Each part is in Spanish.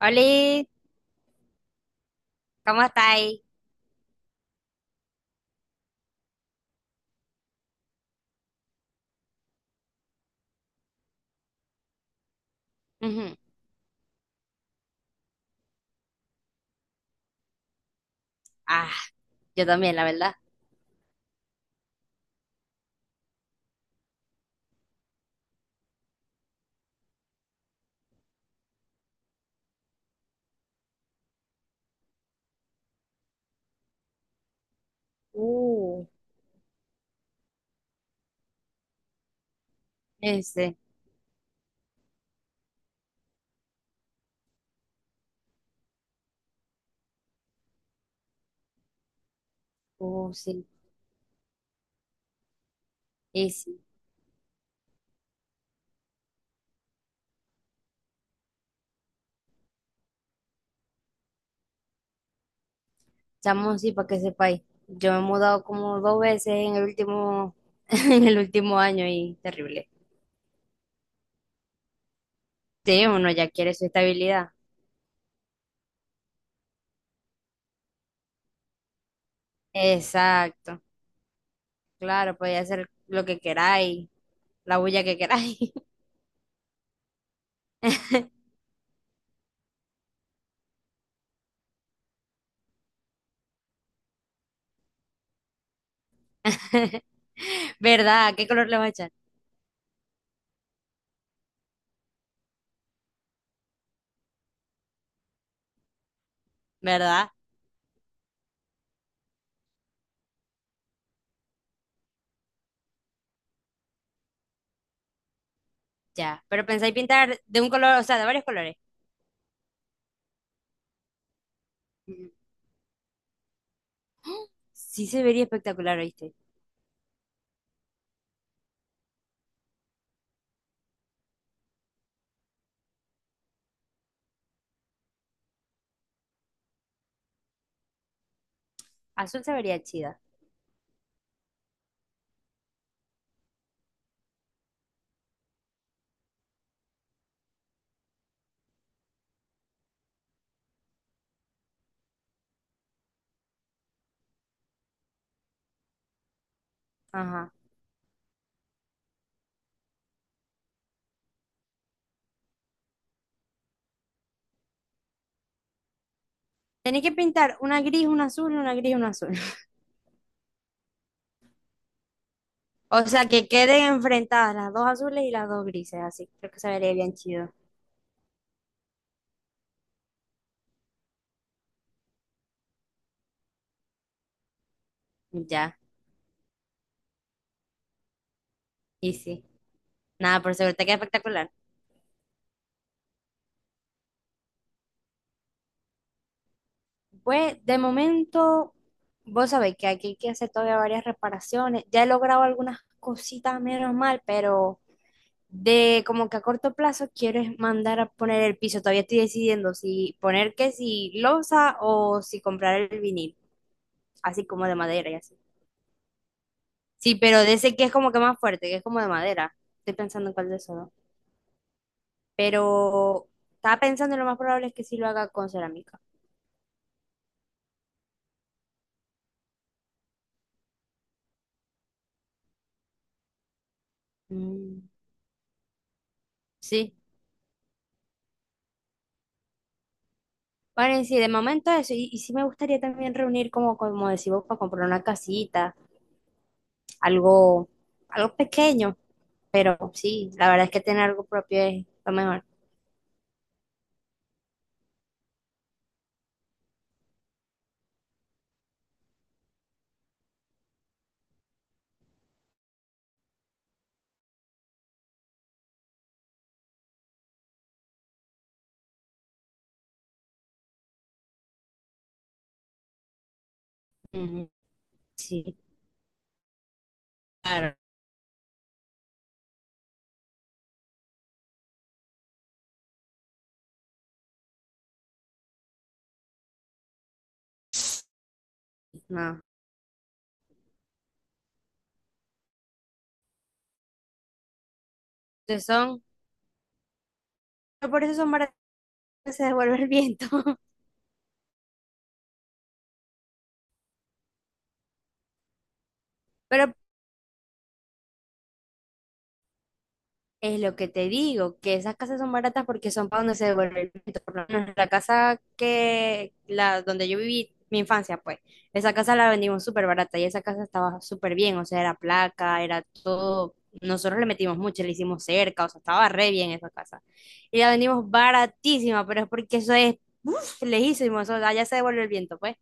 Oli, ¿cómo estáis? Ujú. Ah, yo también, la verdad. Uh, ese, oh, sí, y sí. Chamo, sí, para que sepáis. Yo me he mudado como dos veces en el último, en el último año y terrible. Sí, uno ya quiere su estabilidad. Exacto. Claro, podéis hacer lo que queráis, la bulla que queráis. ¿Verdad? ¿Qué color le va a echar? ¿Verdad? Ya. Pero pensáis pintar de un color, o sea, de varios colores. Ujú. Sí se vería espectacular, ¿oíste? Azul se vería chida. Ajá. Tenéis que pintar una gris, una azul, una gris, una azul. O sea, que queden enfrentadas las dos azules y las dos grises, así. Creo que se vería bien chido. Ya, y sí. Nada, por seguro, te queda espectacular. Pues, de momento, vos sabéis que aquí hay que hacer todavía varias reparaciones. Ya he logrado algunas cositas, menos mal, pero de como que a corto plazo quiero es mandar a poner el piso. Todavía estoy decidiendo si poner que si losa o si comprar el vinil, así como de madera y así. Sí, pero de ese que es como que más fuerte, que es como de madera. Estoy pensando en cuál de esos dos. Pero estaba pensando y lo más probable es que sí lo haga con cerámica. Mm, sí. Bueno, y sí, de momento eso. Y sí me gustaría también reunir como, como decís vos, para comprar una casita, algo, algo pequeño. Pero sí, la verdad es que tener algo propio es lo mejor. Ujú, sí, claro. No. Entonces son, pero por eso son baratas, se devuelve el viento. Pero es lo que te digo, que esas casas son baratas porque son para donde se devuelve el viento. Por lo menos la casa que, la, donde yo viví mi infancia, pues, esa casa la vendimos súper barata y esa casa estaba súper bien, o sea, era placa, era todo. Nosotros le metimos mucho, le hicimos cerca, o sea, estaba re bien esa casa. Y la vendimos baratísima, pero es porque eso es, uf, lejísimo, eso, allá se devuelve el viento, pues.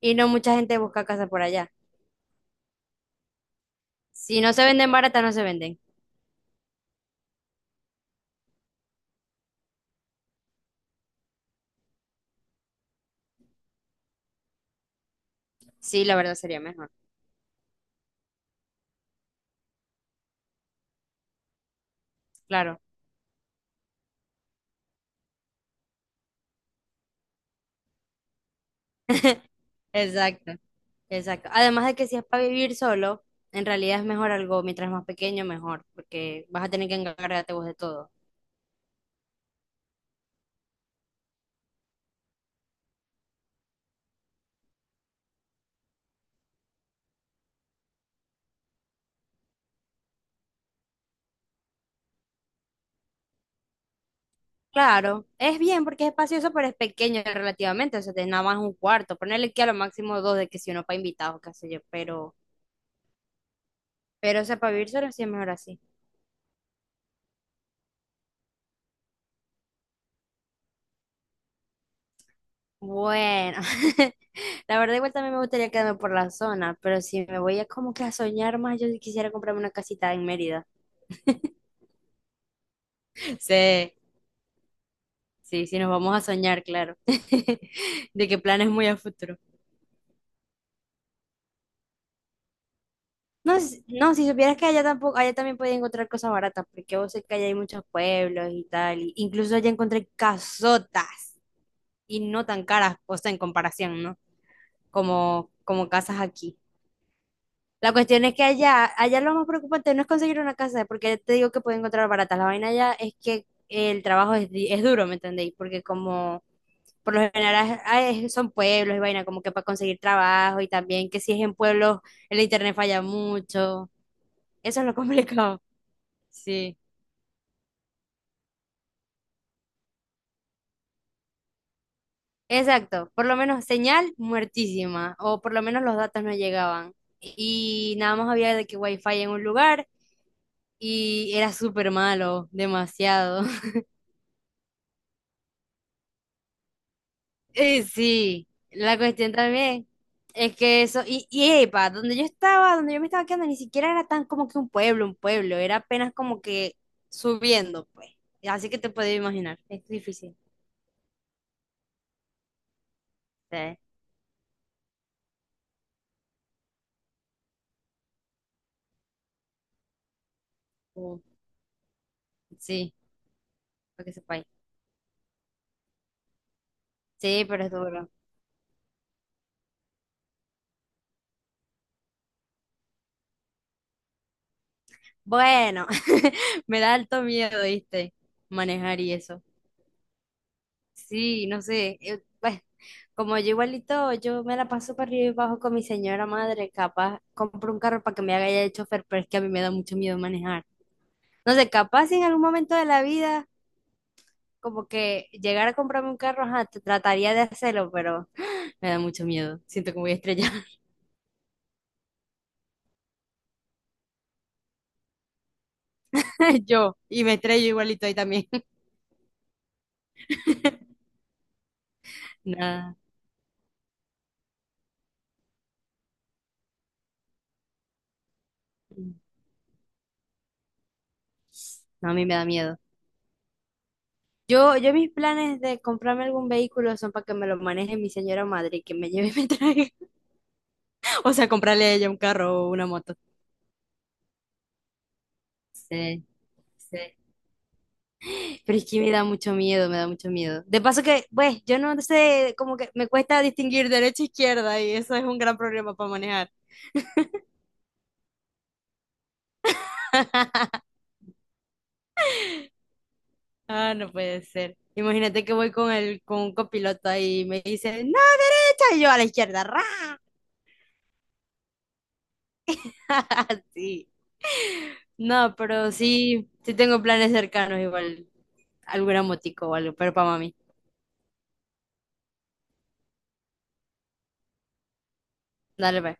Y no mucha gente busca casa por allá. Si no se venden baratas, no se venden. Sí, la verdad sería mejor, claro. Exacto. Exacto. Además de que si es para vivir solo, en realidad es mejor algo, mientras más pequeño, mejor, porque vas a tener que encargarte vos de todo. Claro, es bien porque es espacioso, pero es pequeño relativamente, o sea, tenés nada más un cuarto, ponerle que a lo máximo dos de que si uno para invitados, qué sé yo, pero, o sea, para vivir solo sí es mejor así. Bueno, la verdad igual también me gustaría quedarme por la zona, pero si me voy a como que a soñar más, yo sí quisiera comprarme una casita en Mérida. Sí, sí, sí, nos vamos a soñar, claro, de que planes muy a futuro. No, no, si supieras que allá tampoco, allá también podía encontrar cosas baratas, porque vos sé que allá hay muchos pueblos y tal, y incluso allá encontré casotas y no tan caras, o sea, en comparación, ¿no? Como, como casas aquí. La cuestión es que allá, allá lo más preocupante no es conseguir una casa, porque te digo que puedo encontrar baratas. La vaina allá es que el trabajo es, es duro, ¿me entendéis? Porque como por lo general son pueblos y vaina, como que para conseguir trabajo y también que si es en pueblos el internet falla mucho. Eso es lo complicado. Sí, exacto. Por lo menos señal muertísima, o por lo menos los datos no llegaban. Y nada más había de que wifi en un lugar y era súper malo, demasiado. Sí, la cuestión también es que eso, y epa, donde yo estaba, donde yo me estaba quedando, ni siquiera era tan como que un pueblo, era apenas como que subiendo, pues. Así que te puedes imaginar, es difícil. Sí, uh, sí, para que sepáis. Sí, pero es duro. Bueno. Me da alto miedo, ¿viste? Manejar y eso. Sí, no sé. Pues, como yo igualito, yo me la paso para arriba y abajo con mi señora madre. Capaz compro un carro para que me haga ya de chofer, pero es que a mí me da mucho miedo manejar. No sé, capaz si en algún momento de la vida, como que llegar a comprarme un carro, ajá, trataría de hacerlo, pero me da mucho miedo. Siento que me voy a estrellar yo y me estrello igualito ahí también. Nada, no, a mí me da miedo. Yo mis planes de comprarme algún vehículo son para que me lo maneje mi señora madre, y que me lleve y me traiga. O sea, comprarle a ella un carro o una moto. Sí, sí. Pero es que me da mucho miedo, me da mucho miedo. De paso que, pues, yo no sé, como que me cuesta distinguir derecha e izquierda y eso es un gran problema para manejar. Ah, no puede ser. Imagínate que voy con el, con un copiloto ahí y me dice, no, derecha, y yo a la izquierda, ra. Sí. No, pero sí, sí tengo planes cercanos, igual algún motico o algo, pero para mami. Dale, pues.